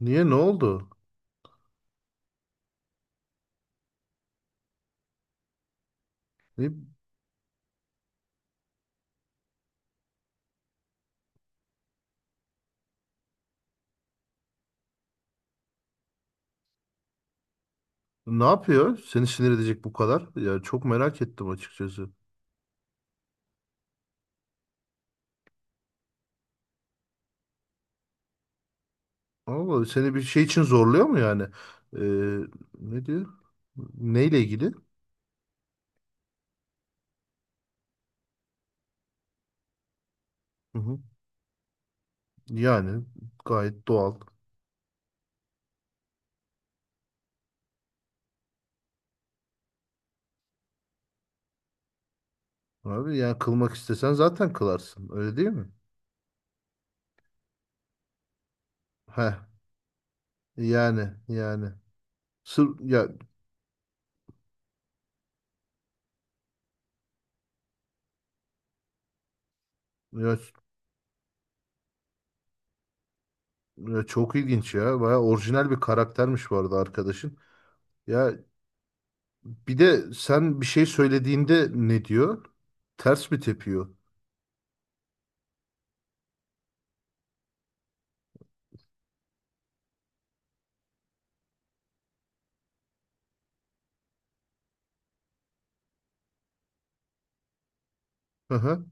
Niye, ne oldu? Ne, ne yapıyor? Seni sinir edecek bu kadar. Ya çok merak ettim açıkçası. Allah seni bir şey için zorluyor mu yani? Ee, Ne diyor? Neyle ilgili? Hı hı. Yani gayet doğal. Abi yani kılmak istesen zaten kılarsın. Öyle değil mi? Heh. Yani. Sır ya, ya, ya çok ilginç ya. Baya orijinal bir karaktermiş bu arada arkadaşın. Ya bir de sen bir şey söylediğinde ne diyor? Ters mi tepiyor? Hı hı.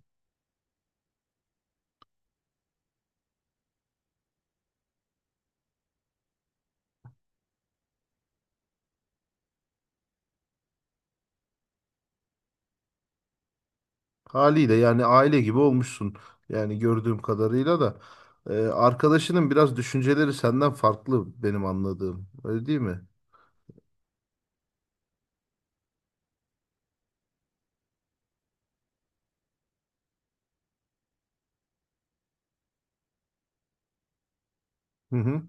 Haliyle yani aile gibi olmuşsun. Yani gördüğüm kadarıyla da arkadaşının biraz düşünceleri senden farklı benim anladığım. Öyle değil mi? Hı hı.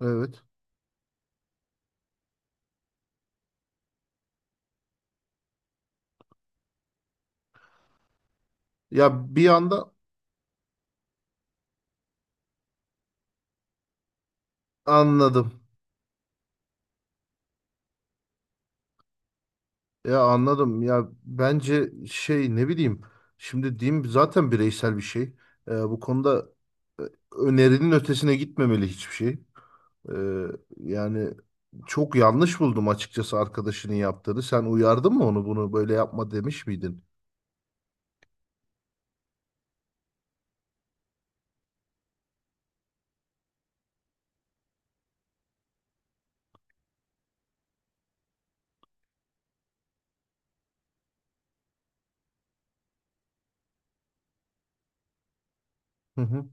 Evet. Ya bir anda anladım. Ya anladım. Ya bence şey, ne bileyim. Şimdi diyeyim, zaten bireysel bir şey. Bu konuda e, önerinin ötesine gitmemeli hiçbir şey. Ee, yani çok yanlış buldum açıkçası arkadaşının yaptığını. Sen uyardın mı onu, bunu böyle yapma demiş miydin? Hı hı.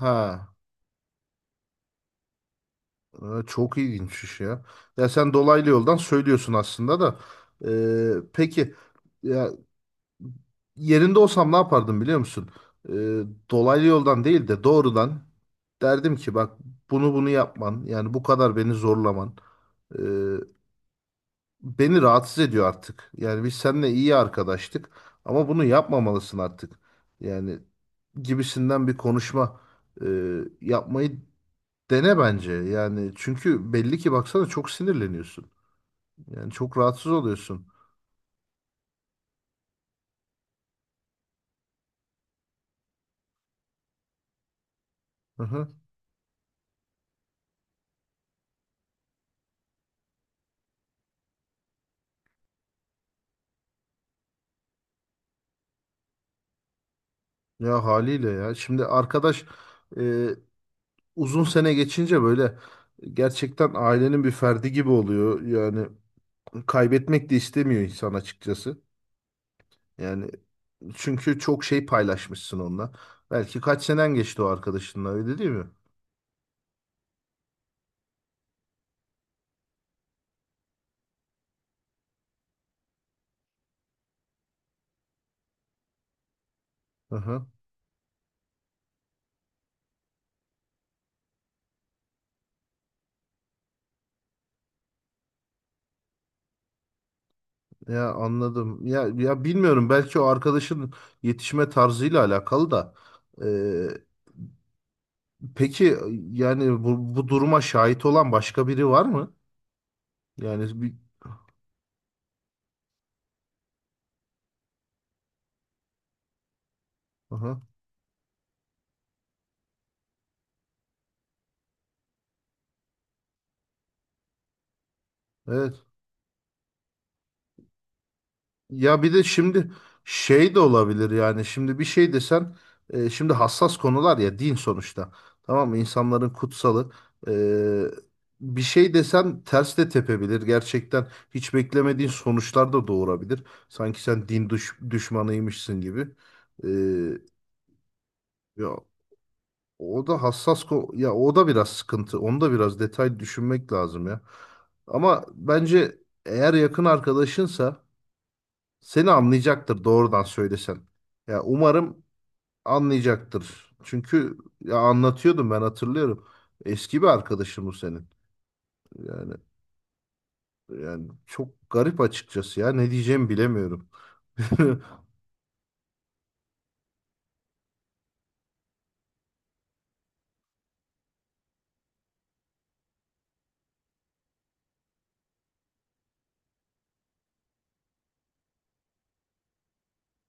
Ha, çok ilginçmiş ya. Ya sen dolaylı yoldan söylüyorsun aslında da. E, peki ya yerinde olsam ne yapardım biliyor musun? E, dolaylı yoldan değil de doğrudan derdim ki bak, bunu yapman yani bu kadar beni zorlaman e, beni rahatsız ediyor artık. Yani biz seninle iyi arkadaştık ama bunu yapmamalısın artık. Yani gibisinden bir konuşma e, yapmayı dene bence, yani çünkü belli ki baksana çok sinirleniyorsun. Yani çok rahatsız oluyorsun. Hı hı. Ya haliyle ya. Şimdi arkadaş e, uzun sene geçince böyle gerçekten ailenin bir ferdi gibi oluyor. Yani kaybetmek de istemiyor insan açıkçası. Yani çünkü çok şey paylaşmışsın onunla. Belki kaç senen geçti o arkadaşınla, öyle değil mi? Hı hı. Ya anladım. Ya bilmiyorum, belki o arkadaşın yetişme tarzıyla alakalı da. e, Peki yani bu duruma şahit olan başka biri var mı? Yani bir aha, evet. Ya bir de şimdi şey de olabilir, yani şimdi bir şey desen şimdi hassas konular ya, din sonuçta. Tamam mı? İnsanların kutsalı. E, bir şey desen ters de tepebilir. Gerçekten hiç beklemediğin sonuçlar da doğurabilir. Sanki sen din düşmanıymışsın gibi. E, ya O da hassas ko, ya o da biraz sıkıntı. Onu da biraz detay düşünmek lazım ya. Ama bence eğer yakın arkadaşınsa seni anlayacaktır doğrudan söylesen. Ya umarım anlayacaktır. Çünkü ya anlatıyordum ben, hatırlıyorum. Eski bir arkadaşım bu senin. Yani yani çok garip açıkçası ya. Ne diyeceğimi bilemiyorum.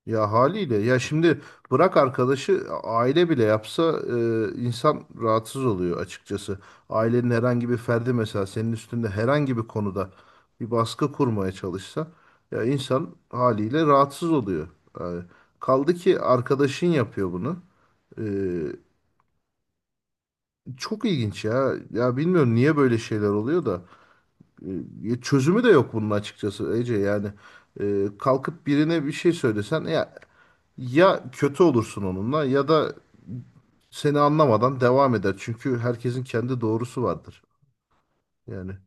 Ya haliyle ya, şimdi bırak arkadaşı, aile bile yapsa insan rahatsız oluyor açıkçası. Ailenin herhangi bir ferdi mesela senin üstünde herhangi bir konuda bir baskı kurmaya çalışsa ya insan haliyle rahatsız oluyor. Yani kaldı ki arkadaşın yapıyor bunu. E, çok ilginç ya. Ya bilmiyorum niye böyle şeyler oluyor da çözümü de yok bunun açıkçası Ece, yani. E, kalkıp birine bir şey söylesen ya, ya kötü olursun onunla ya da seni anlamadan devam eder. Çünkü herkesin kendi doğrusu vardır. Yani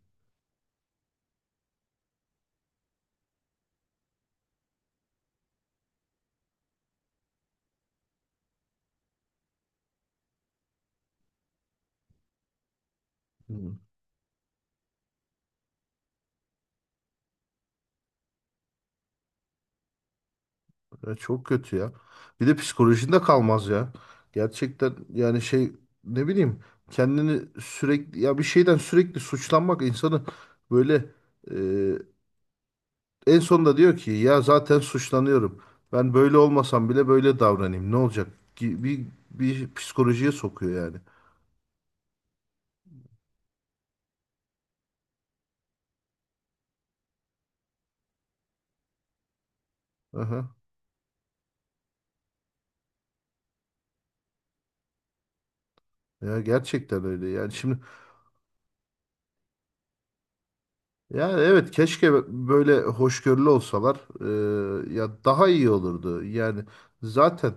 hmm, ya çok kötü ya. Bir de psikolojinde kalmaz ya. Gerçekten yani şey, ne bileyim, kendini sürekli, ya bir şeyden sürekli suçlanmak insanı böyle e, en sonunda diyor ki ya zaten suçlanıyorum. Ben böyle olmasam bile böyle davranayım. Ne olacak? Ki bir psikolojiye sokuyor yani. Aha. Ya gerçekten öyle. Yani şimdi, yani evet keşke böyle hoşgörülü olsalar ya daha iyi olurdu. Yani zaten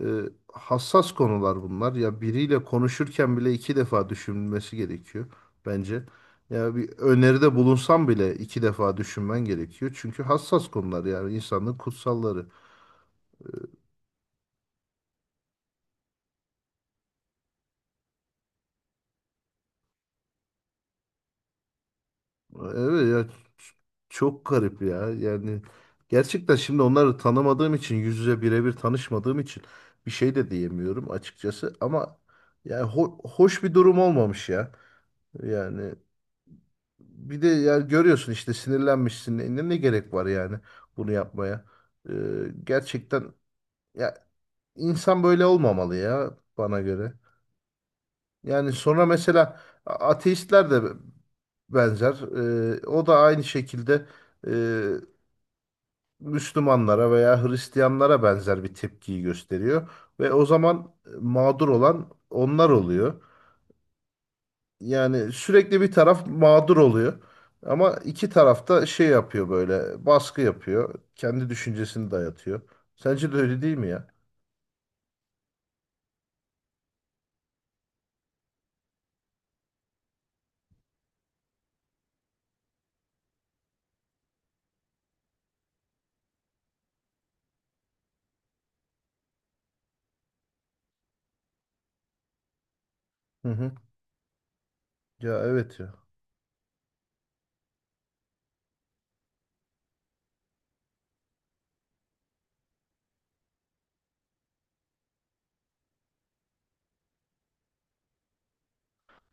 e, hassas konular bunlar. Ya biriyle konuşurken bile iki defa düşünülmesi gerekiyor bence. Ya bir öneride bulunsam bile iki defa düşünmen gerekiyor. Çünkü hassas konular, yani insanlığın kutsalları. Evet ya, çok garip ya. Yani gerçekten şimdi onları tanımadığım için, yüz yüze birebir tanışmadığım için bir şey de diyemiyorum açıkçası ama yani hoş bir durum olmamış ya. Yani bir de yani görüyorsun işte sinirlenmişsin. Ne gerek var yani bunu yapmaya? Ee, gerçekten ya insan böyle olmamalı ya, bana göre. Yani sonra mesela ateistler de benzer. O da aynı şekilde e, Müslümanlara veya Hristiyanlara benzer bir tepkiyi gösteriyor. Ve o zaman mağdur olan onlar oluyor. Yani sürekli bir taraf mağdur oluyor. Ama iki taraf da şey yapıyor, böyle baskı yapıyor. Kendi düşüncesini dayatıyor. Sence de öyle değil mi ya? Hı hı. Ya evet ya.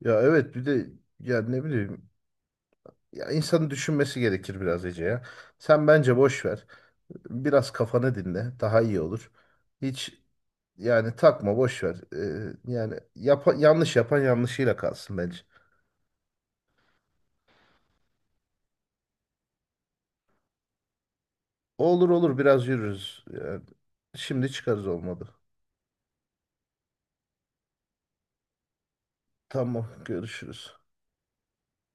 Ya evet bir de yani ne bileyim, ya insanın düşünmesi gerekir biraz Ece ya. Sen bence boş ver. Biraz kafanı dinle. Daha iyi olur. Hiç, yani takma boş ver. Yani yanlış yapan yanlışıyla kalsın bence. Olur olur, biraz yürürüz. Yani şimdi çıkarız, olmadı. Tamam, görüşürüz.